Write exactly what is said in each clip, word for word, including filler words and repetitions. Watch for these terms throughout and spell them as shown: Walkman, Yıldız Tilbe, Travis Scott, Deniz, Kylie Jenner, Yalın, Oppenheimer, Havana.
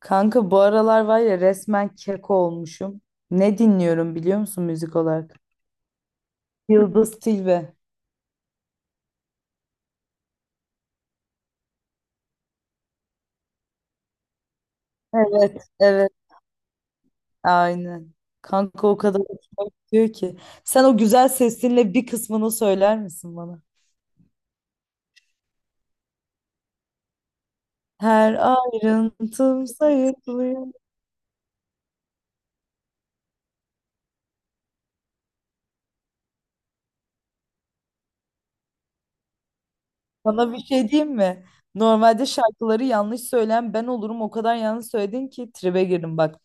Kanka bu aralar var ya resmen keko olmuşum. Ne dinliyorum biliyor musun müzik olarak? Yıldız Tilbe. Evet, evet, aynen. Kanka o kadar hoşuma gidiyor ki. Sen o güzel sesinle bir kısmını söyler misin bana? Her ayrıntım sayıklıyor. Bana bir şey diyeyim mi? Normalde şarkıları yanlış söyleyen ben olurum. O kadar yanlış söyledin ki tribe girdim bak.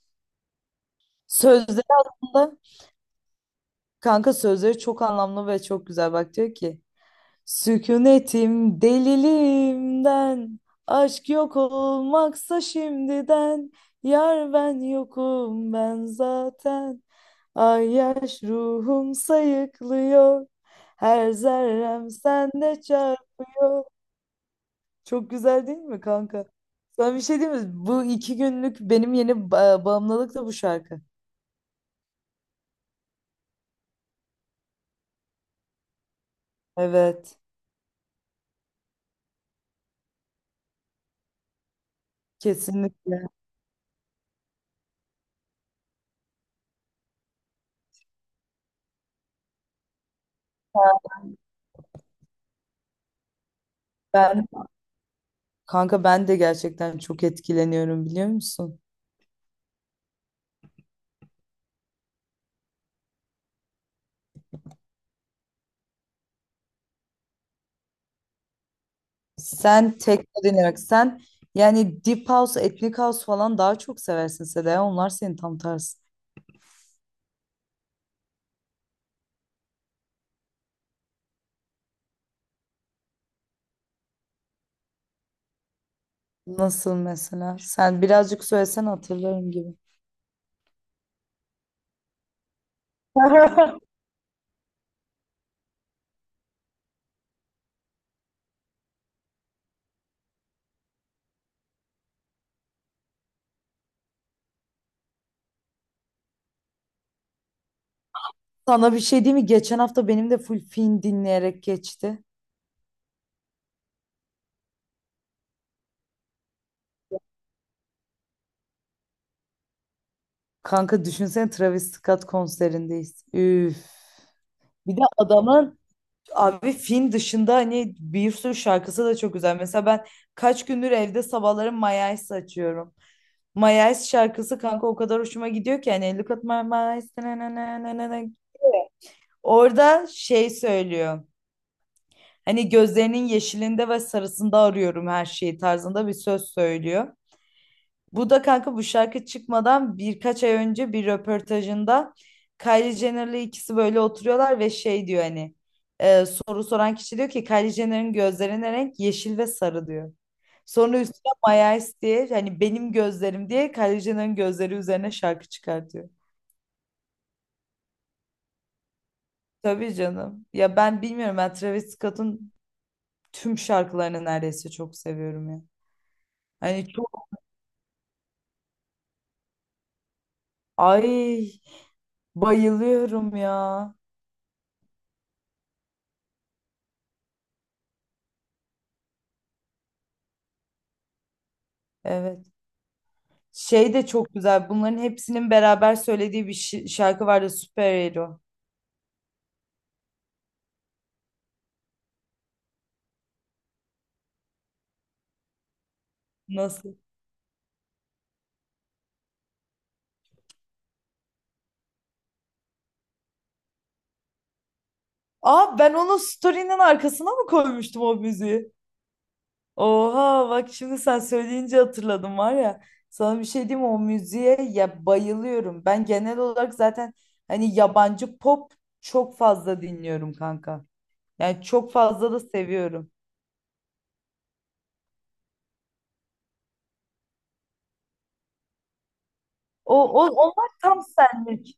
Sözleri aslında kanka, sözleri çok anlamlı ve çok güzel. Bak diyor ki: "Sükunetim deliliğimden, aşk yok olmaksa şimdiden, yar ben yokum ben zaten, ay yaş ruhum sayıklıyor, her zerrem sende çarpıyor." Çok güzel değil mi kanka? Sana bir şey diyeyim mi? Bu iki günlük benim yeni ba- bağımlılık da bu şarkı. Evet, kesinlikle. Ben Kanka, ben de gerçekten çok etkileniyorum, biliyor musun? Sen tekno dinlemek sen, yani Deep House, Ethnic House falan daha çok seversin Seda. Onlar senin tam tersi. Nasıl mesela? Sen birazcık söylesen hatırlarım gibi. Sana bir şey diyeyim mi? Geçen hafta benim de full film dinleyerek geçti. Kanka düşünsene, Travis Scott konserindeyiz. Üf. Bir de adamın, abi, film dışında hani bir sürü şarkısı da çok güzel. Mesela ben kaç gündür evde sabahları My Eyes açıyorum. My Eyes şarkısı kanka o kadar hoşuma gidiyor ki, hani "look at my eyes, na na na na na na." Orada şey söylüyor. Hani gözlerinin yeşilinde ve sarısında arıyorum her şeyi tarzında bir söz söylüyor. Bu da kanka, bu şarkı çıkmadan birkaç ay önce bir röportajında Kylie Jenner'la ikisi böyle oturuyorlar ve şey diyor, hani, e, soru soran kişi diyor ki Kylie Jenner'ın gözlerine renk yeşil ve sarı diyor. Sonra üstüne My Eyes diye, hani benim gözlerim diye, Kylie Jenner'ın gözleri üzerine şarkı çıkartıyor. Tabii canım. Ya ben bilmiyorum, ben Travis Scott'un tüm şarkılarını neredeyse çok seviyorum ya. Hani çok, ay, bayılıyorum ya. Evet. Şey de çok güzel. Bunların hepsinin beraber söylediği bir şi- şarkı vardı. Superhero. Nasıl? Aa, ben onu story'nin arkasına mı koymuştum o müziği? Oha, bak şimdi sen söyleyince hatırladım var ya. Sana bir şey diyeyim mi? O müziğe ya, bayılıyorum. Ben genel olarak zaten hani yabancı pop çok fazla dinliyorum kanka. Yani çok fazla da seviyorum. O, o onlar tam senlik.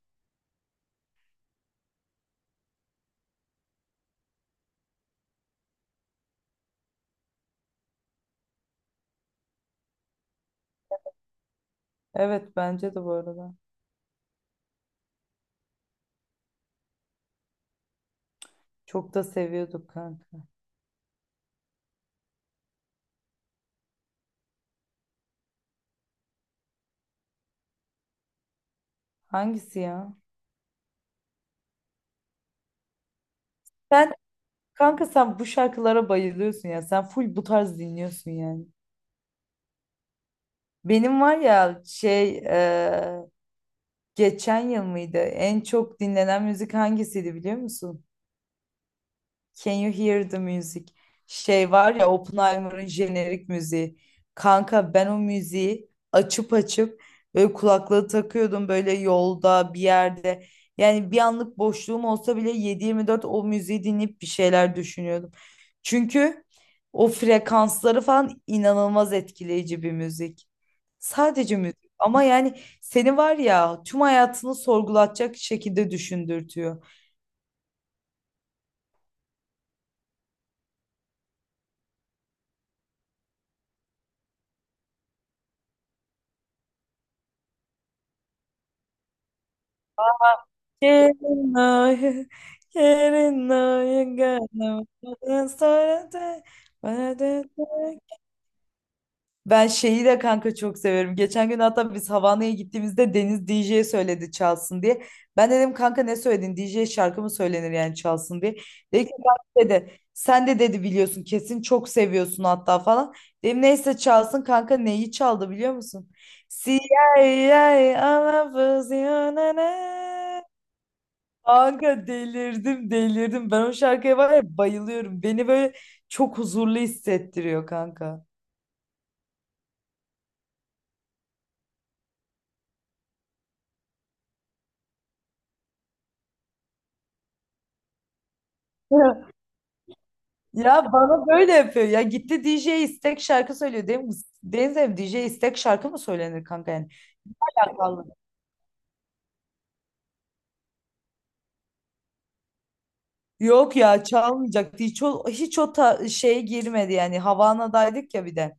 Evet, bence de bu arada. Çok da seviyorduk kanka. Hangisi ya? Sen, kanka, sen bu şarkılara bayılıyorsun ya. Sen full bu tarz dinliyorsun yani. Benim var ya şey, eee, geçen yıl mıydı? En çok dinlenen müzik hangisiydi biliyor musun? Can you hear the music? Şey var ya, Oppenheimer'ın jenerik müziği. Kanka ben o müziği açıp açıp böyle kulaklığı takıyordum, böyle yolda bir yerde. Yani bir anlık boşluğum olsa bile yedi yirmi dört o müziği dinleyip bir şeyler düşünüyordum. Çünkü o frekansları falan inanılmaz etkileyici bir müzik. Sadece müzik ama yani seni var ya, tüm hayatını sorgulatacak şekilde düşündürtüyor. Yerin yerin Ben şeyi de kanka çok severim. Geçen gün hatta biz Havana'ya gittiğimizde Deniz D J'ye söyledi çalsın diye. Ben dedim kanka ne söyledin? D J şarkı mı söylenir, yani çalsın diye. Dedi ki "Kanka," dedi, "sen de," dedi, "biliyorsun, kesin çok seviyorsun hatta," falan. Dedim neyse, çalsın kanka, neyi çaldı biliyor musun? C I A, I'm a I love you, na na. Kanka delirdim delirdim. Ben o şarkıya var ya bayılıyorum. Beni böyle çok huzurlu hissettiriyor kanka. Ya, bana böyle yapıyor. Ya gitti D J istek şarkı söylüyor, değil mi? Deniz abi, D J istek şarkı mı söylenir kanka yani? Alakalı. Yok ya, çalmayacaktı. Hiç o, hiç o ta- şeye girmedi yani. Havana'daydık ya bir de.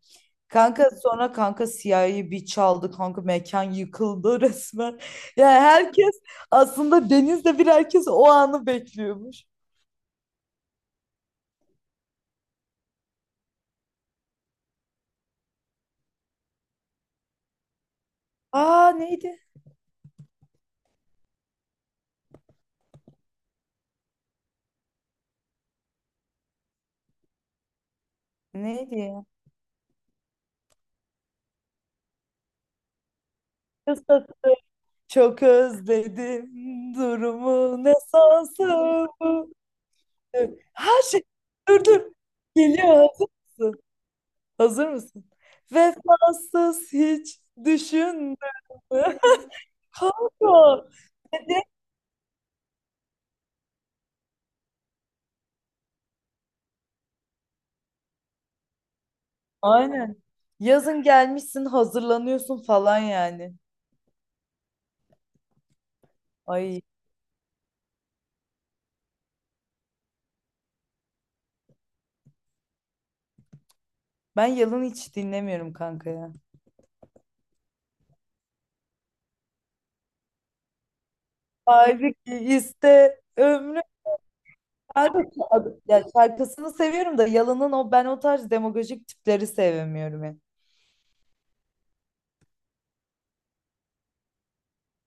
Kanka sonra, kanka, Siyah'ı bir çaldı. Kanka mekan yıkıldı resmen. Yani herkes aslında Deniz'le bir, herkes o anı bekliyormuş. Aa, neydi? Neydi ya? Kısa- Çok özledim durumu, ne sansın bu. Ha şey, dur dur. Geliyor, hazır mısın? Hazır mısın? Vefasız hiç düşündün mü? Kanka. Dedi. Aynen. Yazın gelmişsin hazırlanıyorsun falan yani. Ay, ben Yalın hiç dinlemiyorum kanka ya. Halbuki iste ömrüm. Abi, ad- ya şarkısını seviyorum da Yalın'ın, o ben o tarz demagojik tipleri sevmiyorum ya.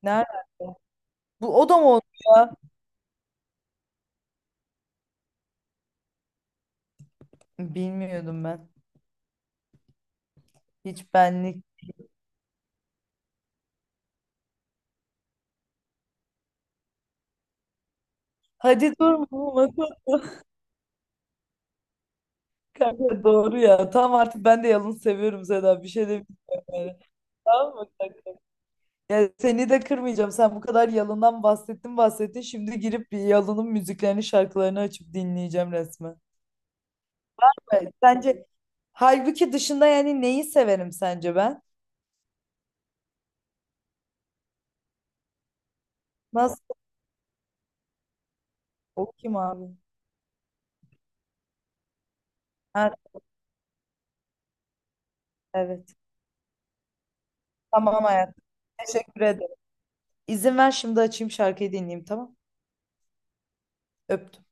Nerede? Bu o da mı oldu ya? Bilmiyordum ben. Hiç benlik. Hadi durma kanka, doğru ya. Tamam, artık ben de Yalın seviyorum Seda. Bir şey demiyorum yani. Tamam mı, kanka? Ya seni de kırmayacağım. Sen bu kadar Yalın'dan bahsettin bahsettin. Şimdi girip bir Yalın'ın müziklerini, şarkılarını açıp dinleyeceğim resmen. Evet. Sence Halbuki dışında yani neyi severim sence ben? Nasıl? O kim abi? Ha, evet. Tamam hayatım. Teşekkür ederim. İzin ver, şimdi açayım şarkıyı dinleyeyim, tamam. Öptüm.